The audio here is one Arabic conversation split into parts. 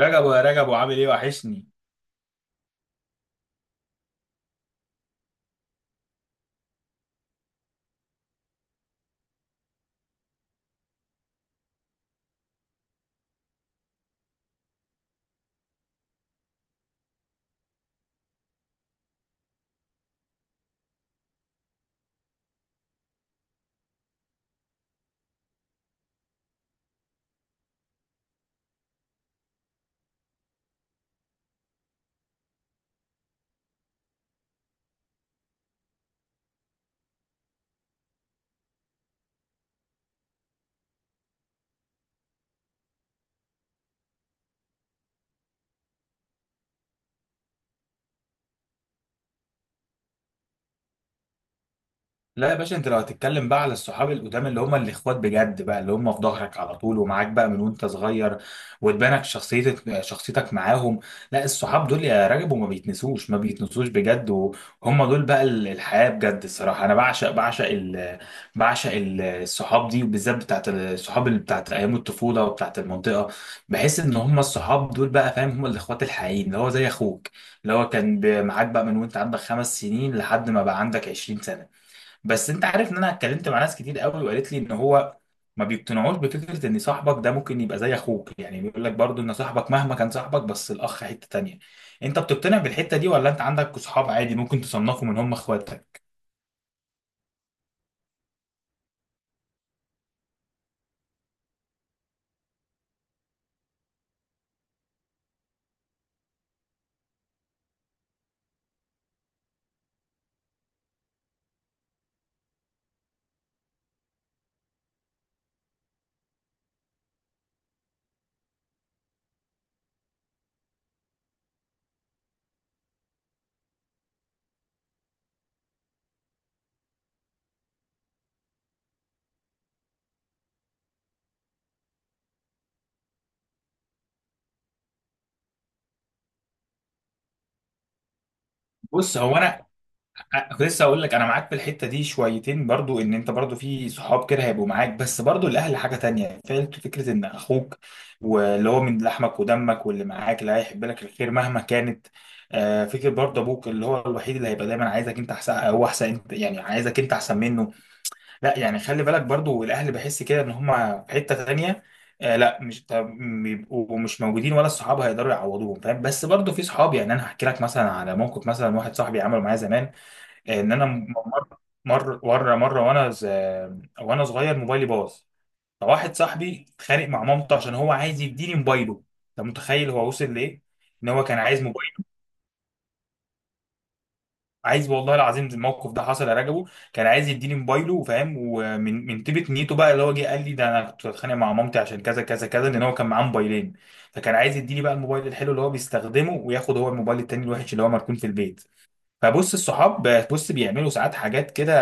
رجب، يا رجب، وعامل ايه؟ وحشني. لا يا باشا، انت لو هتتكلم بقى على الصحاب القدام اللي هم الاخوات بجد بقى، اللي هم في ظهرك على طول ومعاك بقى من وانت صغير، وتبانك شخصيتك، معاهم. لا الصحاب دول يا رجب، وما بيتنسوش، ما بيتنسوش بجد، وهم دول بقى الحياة بجد. الصراحة انا بعشق، الصحاب دي، وبالذات بتاعت الصحاب اللي بتاعت ايام الطفولة وبتاعت المنطقة. بحس ان هم الصحاب دول بقى، فاهم، هم الاخوات الحقيقيين، اللي هو زي اخوك، اللي هو كان معاك بقى من وانت عندك 5 سنين لحد ما بقى عندك 20 سنة. بس انت عارف ان انا اتكلمت مع ناس كتير قوي، وقالت لي ان هو ما بيقتنعوش بفكره ان صاحبك ده ممكن يبقى زي اخوك. يعني بيقول لك برضو ان صاحبك مهما كان صاحبك، بس الاخ حته تانية. انت بتقتنع بالحته دي، ولا انت عندك صحاب عادي ممكن تصنفهم ان هم اخواتك؟ بص هو انا كنت لسه اقول لك انا معاك في الحته دي شويتين، برضو ان انت برضو في صحاب كده هيبقوا معاك، بس برضو الاهل حاجه تانية. فعلا فكره ان اخوك واللي هو من لحمك ودمك، واللي معاك اللي هيحب لك الخير مهما كانت، آه، فكره برضو ابوك، اللي هو الوحيد اللي هيبقى دايما عايزك انت احسن، هو احسن انت، يعني عايزك انت احسن منه. لا يعني خلي بالك برضو، الاهل بحس كده ان هم في حته تانية. آه لا، مش طب- بيبقوا مش موجودين، ولا الصحاب هيقدروا يعوضوهم، فاهم؟ بس برضو في صحاب، يعني انا هحكي لك مثلا على موقف، مثلا واحد صاحبي عمله معايا زمان. ان انا م- مر مر مره، وانا صغير موبايلي باظ. فواحد صاحبي اتخانق مع مامته عشان هو عايز يديني موبايله. انت متخيل هو وصل لايه؟ ان هو كان عايز موبايل. عايز، والله العظيم الموقف ده حصل يا رجبه. كان عايز يديني موبايله، وفاهم، ومن طيبه نيته بقى، اللي هو جه قال لي: ده انا كنت بتخانق مع مامتي عشان كذا كذا كذا، لان هو كان معاه موبايلين. فكان عايز يديني بقى الموبايل الحلو اللي هو بيستخدمه، وياخد هو الموبايل التاني الوحش اللي هو مركون في البيت. فبص، الصحاب بص بيعملوا ساعات حاجات كده،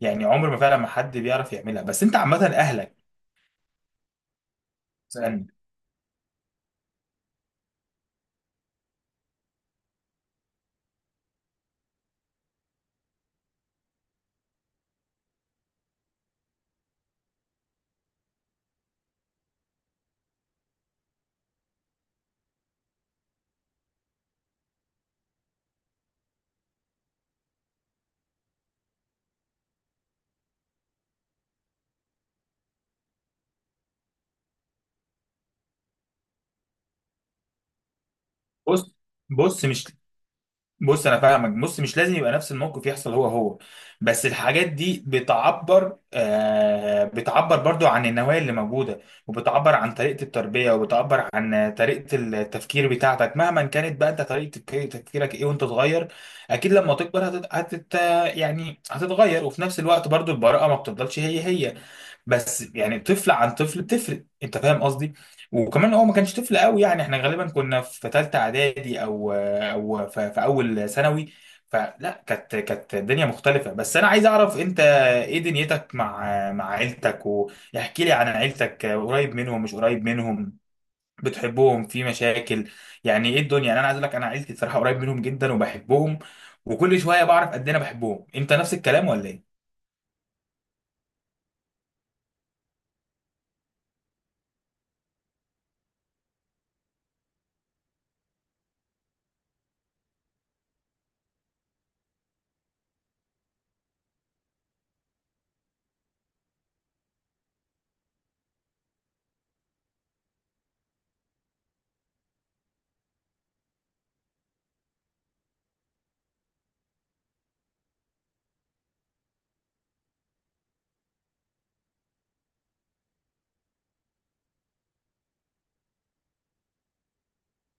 يعني عمر ما فعلا، ما حد بيعرف يعملها، بس انت عامه اهلك. ازاي يعني؟ بص بص مش بص انا فاهمك. بص مش لازم يبقى نفس الموقف يحصل هو هو، بس الحاجات دي بتعبر، آه، بتعبر برضو عن النوايا اللي موجوده، وبتعبر عن طريقه التربيه، وبتعبر عن طريقه التفكير بتاعتك، مهما كانت بقى انت طريقه تفكيرك ايه وانت صغير. اكيد لما تكبر يعني هتتغير، وفي نفس الوقت برضو البراءه ما بتفضلش هي هي. بس يعني طفل عن طفل بتفرق، انت فاهم قصدي؟ وكمان هو ما كانش طفل قوي، يعني احنا غالبا كنا في ثالثه اعدادي، او في اول ثانوي. فلا، كانت، الدنيا مختلفه. بس انا عايز اعرف انت ايه دنيتك مع مع عيلتك؟ واحكي لي عن عيلتك، قريب منهم مش قريب منهم، بتحبهم، في مشاكل، يعني ايه الدنيا؟ يعني انا عايز اقول لك انا عيلتي صراحه قريب منهم جدا وبحبهم، وكل شويه بعرف قد ايه انا بحبهم. انت نفس الكلام ولا ايه؟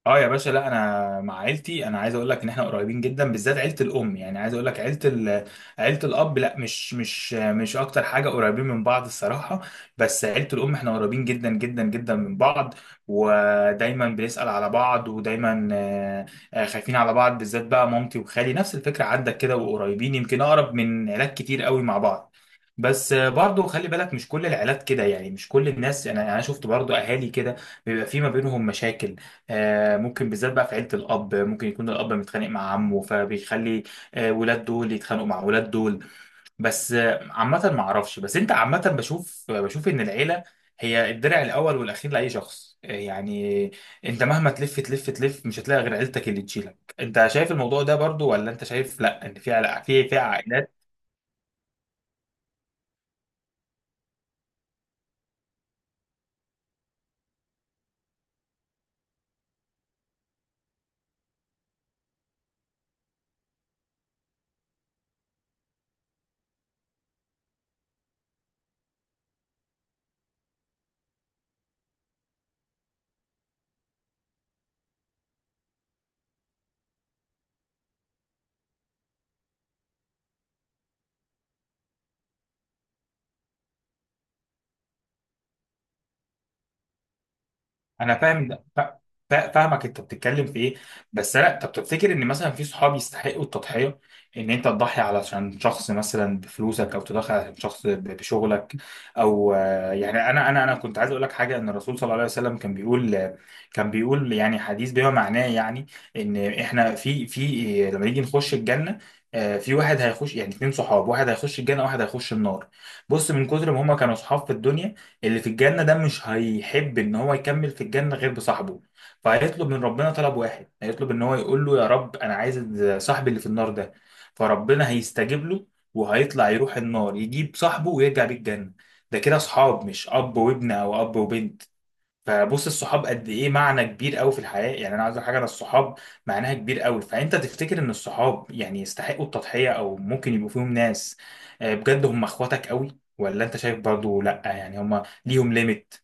اه يا باشا. لا انا مع عيلتي، انا عايز اقول لك ان احنا قريبين جدا، بالذات عيله الام. يعني عايز اقول لك عيله عيله الاب، لا مش اكتر حاجه قريبين من بعض الصراحه. بس عيله الام احنا قريبين جدا جدا جدا من بعض، ودايما بنسال على بعض، ودايما آه، آه، خايفين على بعض، بالذات بقى مامتي وخالي. نفس الفكره عندك كده؟ وقريبين يمكن اقرب من عيلات كتير قوي مع بعض. بس آه، برضو خلي بالك مش كل العائلات كده، يعني مش كل الناس. انا شفت برضو اهالي كده بيبقى في ما بينهم مشاكل، آه، ممكن بالذات بقى في عيلة الأب، ممكن يكون الأب متخانق مع عمه، فبيخلي آه، ولاد دول يتخانقوا مع ولاد دول. بس آه، عامة ما أعرفش. بس أنت عامة، بشوف، إن العيلة هي الدرع الأول والأخير لأي شخص، آه، يعني أنت مهما تلف تلف تلف، مش هتلاقي غير عيلتك اللي تشيلك. أنت شايف الموضوع ده برضو، ولا أنت شايف لأ، إن في علاقة في عائلات؟ انا فاهم، فاهمك انت بتتكلم في ايه. بس لا، طب تفتكر ان مثلا في صحاب يستحقوا التضحيه؟ ان انت تضحي علشان شخص مثلا بفلوسك، او تضحي علشان شخص بشغلك، او آه، يعني انا كنت عايز اقول لك حاجه. ان الرسول صلى الله عليه وسلم كان بيقول، يعني حديث بما معناه، يعني ان احنا في، لما نيجي نخش الجنه، آه، في واحد هيخش، يعني اتنين صحاب، واحد هيخش الجنه واحد هيخش النار. بص من كتر ما هما كانوا صحاب في الدنيا، اللي في الجنة ده مش هيحب إن هو يكمل في الجنة غير بصاحبه، فهيطلب من ربنا طلب واحد. هيطلب إن هو يقول له: يا رب أنا عايز صاحبي اللي في النار ده. فربنا هيستجيب له، وهيطلع يروح النار يجيب صاحبه ويرجع بالجنة. ده كده أصحاب، مش أب وابن أو أب وبنت. فبص الصحاب قد ايه معنى كبير قوي في الحياة. يعني انا عايز أقول حاجة، انا الصحاب معناها كبير قوي. فانت تفتكر ان الصحاب يعني يستحقوا التضحية، او ممكن يبقوا فيهم ناس، آه، بجد هم اخواتك قوي، ولا انت شايف برضو لا، يعني هم ليهم ليميت؟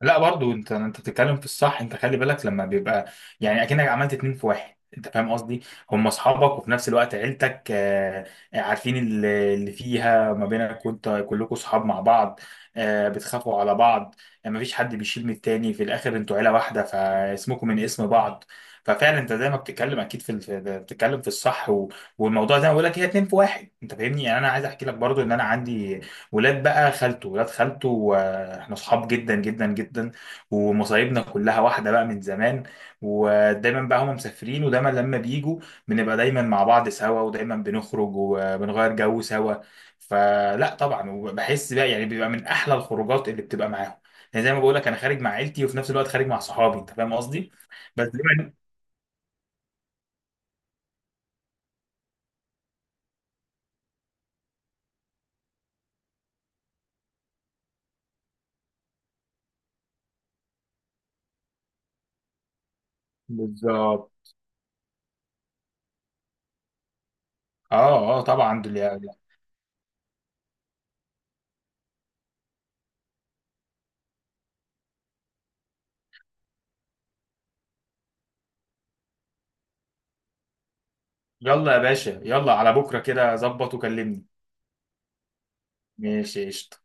لا برضو انت، بتتكلم في الصح. انت خلي بالك لما بيبقى، يعني اكنك عملت 2 في 1، انت فاهم قصدي؟ هم اصحابك، وفي نفس الوقت عيلتك، آه، عارفين اللي اللي فيها ما بينك، وانت كلكم اصحاب مع بعض، آه، بتخافوا على بعض. ما فيش حد بيشيل من التاني، في الاخر انتوا عيله واحده، فاسمكم من اسم بعض. ففعلا انت زي ما بتتكلم اكيد، بتتكلم في الصح، والموضوع زي ما بقول لك، هي 2 في 1، انت فاهمني؟ يعني انا عايز احكي لك برضو، ان انا عندي ولاد بقى خالته، ولاد خالته آه، احنا صحاب جدا جدا جدا، ومصايبنا كلها واحده بقى من زمان. ودايما بقى هم مسافرين، ودايما لما بيجوا بنبقى دايما مع بعض سوا، ودايما بنخرج وبنغير جو سوا. فلا طبعا، وبحس بقى يعني بيبقى من احلى الخروجات اللي بتبقى معاهم. يعني زي ما بقول لك، انا خارج مع عيلتي وفي نفس الوقت خارج مع صحابي، انت فاهم قصدي؟ بس دايما بالظبط. اه، اه طبعا دول. يلا يا باشا، يلا على بكره كده ظبط وكلمني. ماشي قشطة.